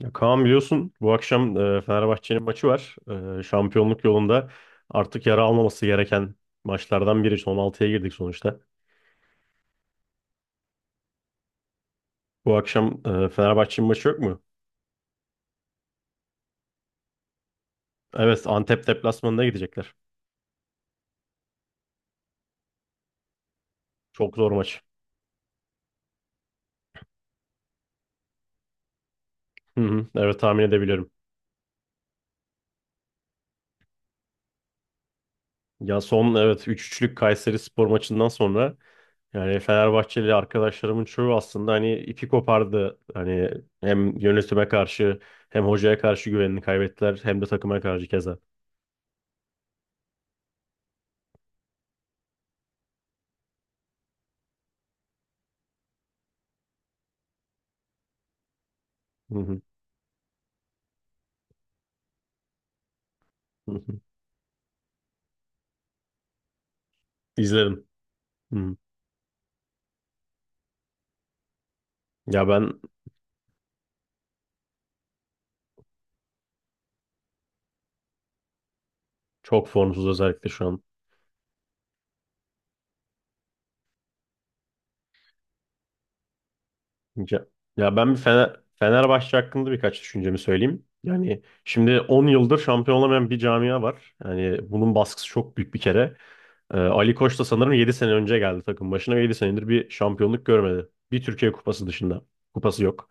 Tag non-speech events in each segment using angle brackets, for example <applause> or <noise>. Ya Kaan biliyorsun bu akşam Fenerbahçe'nin maçı var. Şampiyonluk yolunda artık yara almaması gereken maçlardan biri. Son 6'ya girdik sonuçta. Bu akşam Fenerbahçe'nin maçı yok mu? Evet, Antep deplasmanına gidecekler. Çok zor maç. Hı hı, evet, tahmin edebiliyorum. Ya son evet 3-3'lük Kayseri Spor maçından sonra yani Fenerbahçeli arkadaşlarımın çoğu aslında hani ipi kopardı. Hani hem yönetime karşı hem hocaya karşı güvenini kaybettiler, hem de takıma karşı keza. Hı hı, hı hı. İzledim. Hı. Ya ben çok formsuz özellikle şu an. Ya, ya ben Fenerbahçe hakkında birkaç düşüncemi söyleyeyim. Yani şimdi 10 yıldır şampiyon olamayan bir camia var. Yani bunun baskısı çok büyük bir kere. Ali Koç da sanırım 7 sene önce geldi takım başına ve 7 senedir bir şampiyonluk görmedi. Bir Türkiye Kupası dışında. Kupası yok.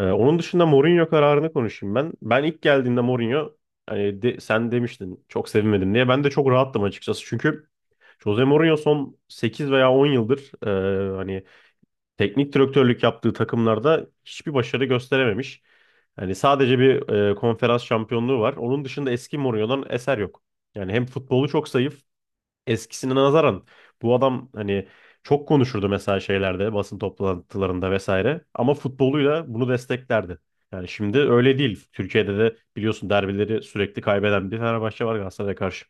Onun dışında Mourinho kararını konuşayım ben. Ben ilk geldiğinde Mourinho hani sen demiştin çok sevinmedim diye. Ben de çok rahattım açıkçası. Çünkü Jose Mourinho son 8 veya 10 yıldır hani teknik direktörlük yaptığı takımlarda hiçbir başarı gösterememiş. Yani sadece bir konferans şampiyonluğu var. Onun dışında eski Mourinho'dan eser yok. Yani hem futbolu çok zayıf eskisine nazaran, bu adam hani çok konuşurdu mesela şeylerde, basın toplantılarında vesaire ama futboluyla bunu desteklerdi. Yani şimdi öyle değil. Türkiye'de de biliyorsun derbileri sürekli kaybeden bir Fenerbahçe var Galatasaray'a karşı.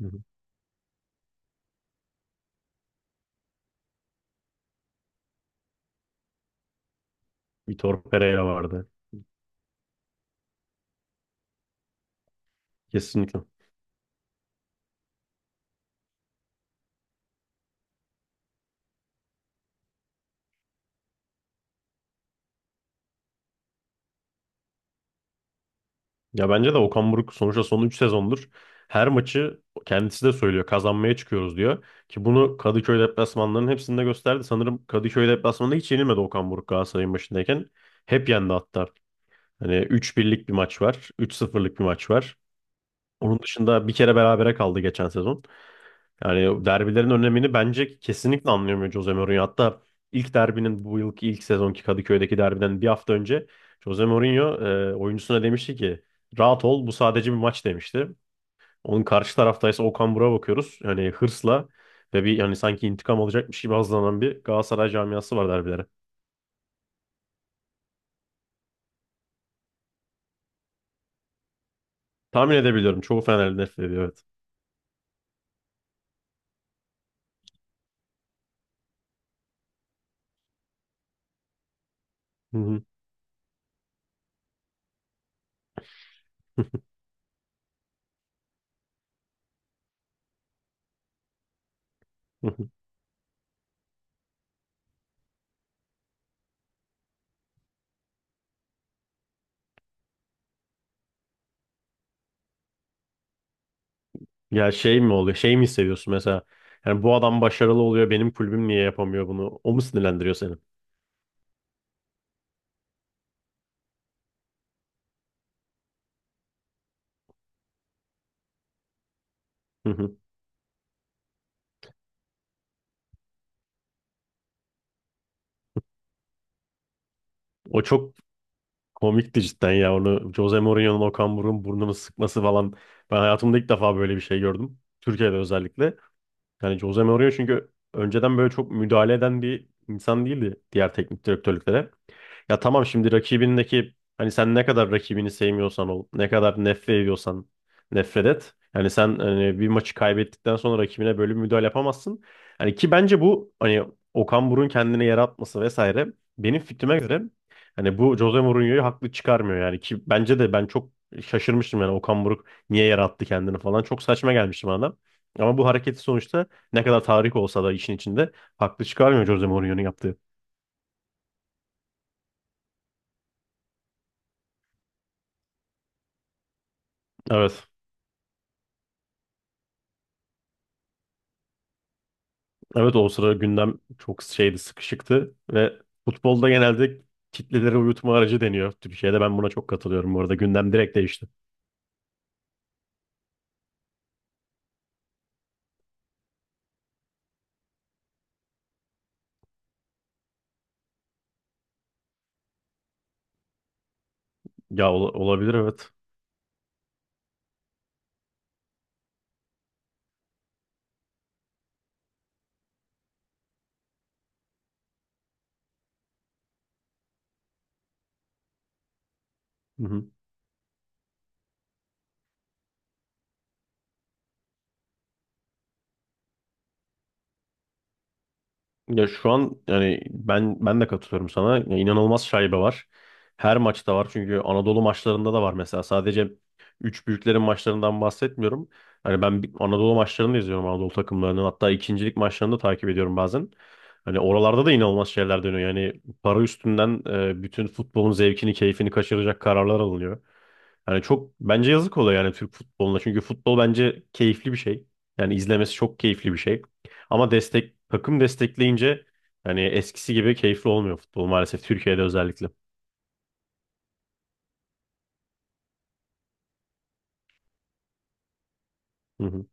Hı hı. Vitor Pereira vardı. Kesinlikle. Ya bence de Okan Buruk sonuçta son 3 sezondur her maçı, kendisi de söylüyor, kazanmaya çıkıyoruz diyor. Ki bunu Kadıköy deplasmanlarının hepsinde gösterdi. Sanırım Kadıköy deplasmanında hiç yenilmedi Okan Buruk Galatasaray'ın başındayken. Hep yendi hatta. Hani üç birlik bir maç var. Üç sıfırlık bir maç var. Onun dışında bir kere berabere kaldı geçen sezon. Yani derbilerin önemini bence kesinlikle anlayamıyor Jose Mourinho. Hatta ilk derbinin, bu yılki ilk sezonki Kadıköy'deki derbiden bir hafta önce, Jose Mourinho oyuncusuna demişti ki rahat ol, bu sadece bir maç demişti. Onun karşı taraftaysa Okan Buruk'a bakıyoruz. Yani hırsla ve bir, yani sanki intikam alacakmış gibi hazırlanan bir Galatasaray camiası var derbilere. Tahmin edebiliyorum. Çoğu Fenerli nefret ediyor, evet. Hı hı. <laughs> Ya şey mi oluyor? Şey mi hissediyorsun mesela? Yani bu adam başarılı oluyor, benim kulübüm niye yapamıyor bunu? O mu sinirlendiriyor seni? Hı hı. O çok komikti cidden ya. Onu, Jose Mourinho'nun Okan Buruk'un burnunu sıkması falan. Ben hayatımda ilk defa böyle bir şey gördüm. Türkiye'de özellikle. Yani Jose Mourinho çünkü önceden böyle çok müdahale eden bir insan değildi diğer teknik direktörlüklere. Ya tamam, şimdi rakibindeki, hani sen ne kadar rakibini sevmiyorsan ol, ne kadar nefret ediyorsan nefret et. Yani sen hani bir maçı kaybettikten sonra rakibine böyle bir müdahale yapamazsın. Hani ki bence bu hani Okan Buruk'un kendine yer atması vesaire, benim fikrime göre hani bu Jose Mourinho'yu haklı çıkarmıyor, yani ki bence de ben çok şaşırmıştım yani Okan Buruk niye yer attı kendini falan, çok saçma gelmişti bana da. Ama bu hareketi, sonuçta ne kadar tarih olsa da işin içinde, haklı çıkarmıyor Jose Mourinho'nun yaptığı. Evet. Evet, o sıra gündem çok şeydi, sıkışıktı ve futbolda genelde kitleleri uyutma aracı deniyor. Türkiye'de ben buna çok katılıyorum bu arada. Gündem direkt değişti. Ya olabilir, evet. Hı hı. Ya şu an, yani ben de katılıyorum sana. Ya inanılmaz şaibe var. Her maçta var, çünkü Anadolu maçlarında da var mesela. Sadece üç büyüklerin maçlarından bahsetmiyorum. Hani ben Anadolu maçlarını da izliyorum, Anadolu takımlarının. Hatta ikincilik maçlarını da takip ediyorum bazen. Hani oralarda da inanılmaz şeyler dönüyor. Yani para üstünden bütün futbolun zevkini, keyfini kaçıracak kararlar alınıyor. Yani çok bence yazık oluyor yani Türk futboluna. Çünkü futbol bence keyifli bir şey. Yani izlemesi çok keyifli bir şey. Ama destek, takım destekleyince yani eskisi gibi keyifli olmuyor futbol, maalesef Türkiye'de özellikle. Hı hı.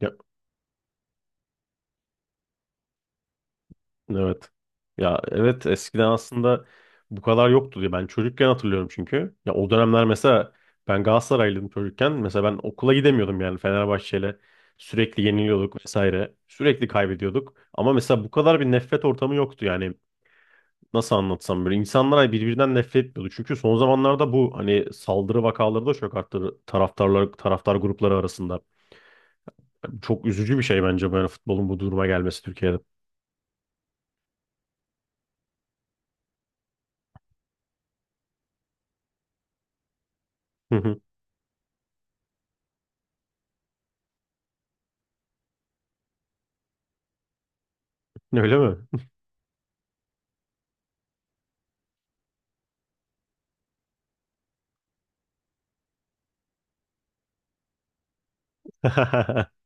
Ya, evet. Ya evet, eskiden aslında bu kadar yoktu diye ben çocukken hatırlıyorum çünkü. Ya o dönemler mesela ben Galatasaraylıydım çocukken. Mesela ben okula gidemiyordum yani, Fenerbahçe'yle sürekli yeniliyorduk vesaire. Sürekli kaybediyorduk. Ama mesela bu kadar bir nefret ortamı yoktu yani, nasıl anlatsam, böyle insanlar hani birbirinden nefret etmiyordu. Çünkü son zamanlarda bu hani saldırı vakaları da çok arttı taraftarlar, taraftar grupları arasında. Çok üzücü bir şey bence böyle futbolun bu duruma gelmesi Türkiye'de. Hı hı. Öyle mi? <laughs>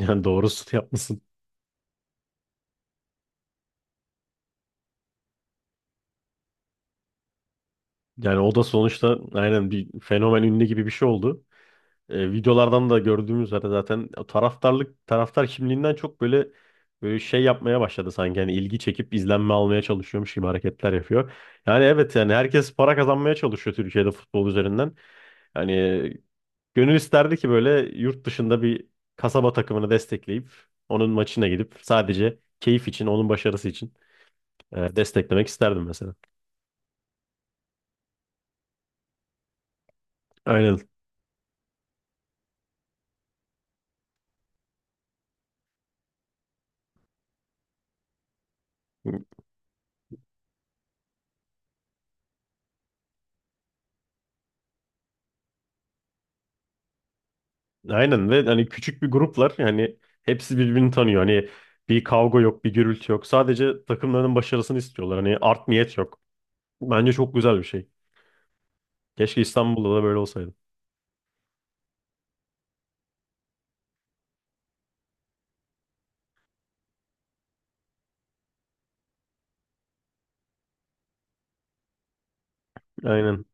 Yani doğrusu yapmışsın. Yani o da sonuçta aynen bir fenomen, ünlü gibi bir şey oldu. E, videolardan da gördüğümüz üzere zaten o taraftarlık, taraftar kimliğinden çok böyle şey yapmaya başladı sanki, yani ilgi çekip izlenme almaya çalışıyormuş gibi hareketler yapıyor. Yani evet, yani herkes para kazanmaya çalışıyor Türkiye'de futbol üzerinden. Yani gönül isterdi ki böyle yurt dışında bir kasaba takımını destekleyip onun maçına gidip sadece keyif için, onun başarısı için desteklemek isterdim mesela. Aynen. Aynen, ve hani küçük bir gruplar yani, hepsi birbirini tanıyor. Hani bir kavga yok, bir gürültü yok. Sadece takımlarının başarısını istiyorlar. Hani art niyet yok. Bence çok güzel bir şey. Keşke İstanbul'da da böyle olsaydı. Aynen.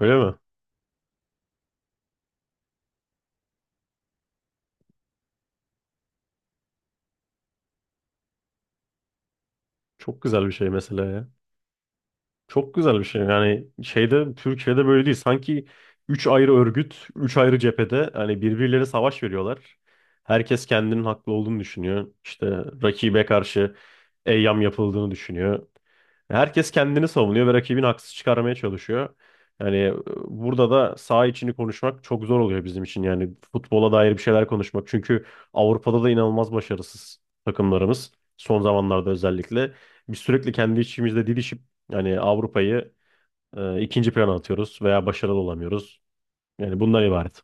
Öyle mi? Çok güzel bir şey mesela ya. Çok güzel bir şey. Yani şeyde, Türkiye'de böyle değil. Sanki üç ayrı örgüt, üç ayrı cephede hani birbirleri savaş veriyorlar. Herkes kendinin haklı olduğunu düşünüyor. İşte rakibe karşı eyyam yapıldığını düşünüyor. Herkes kendini savunuyor ve rakibini haksız çıkarmaya çalışıyor. Yani burada da saha içini konuşmak çok zor oluyor bizim için. Yani futbola dair bir şeyler konuşmak. Çünkü Avrupa'da da inanılmaz başarısız takımlarımız. Son zamanlarda özellikle. Biz sürekli kendi içimizde didişip yani Avrupa'yı ikinci plana atıyoruz veya başarılı olamıyoruz. Yani bundan ibaret.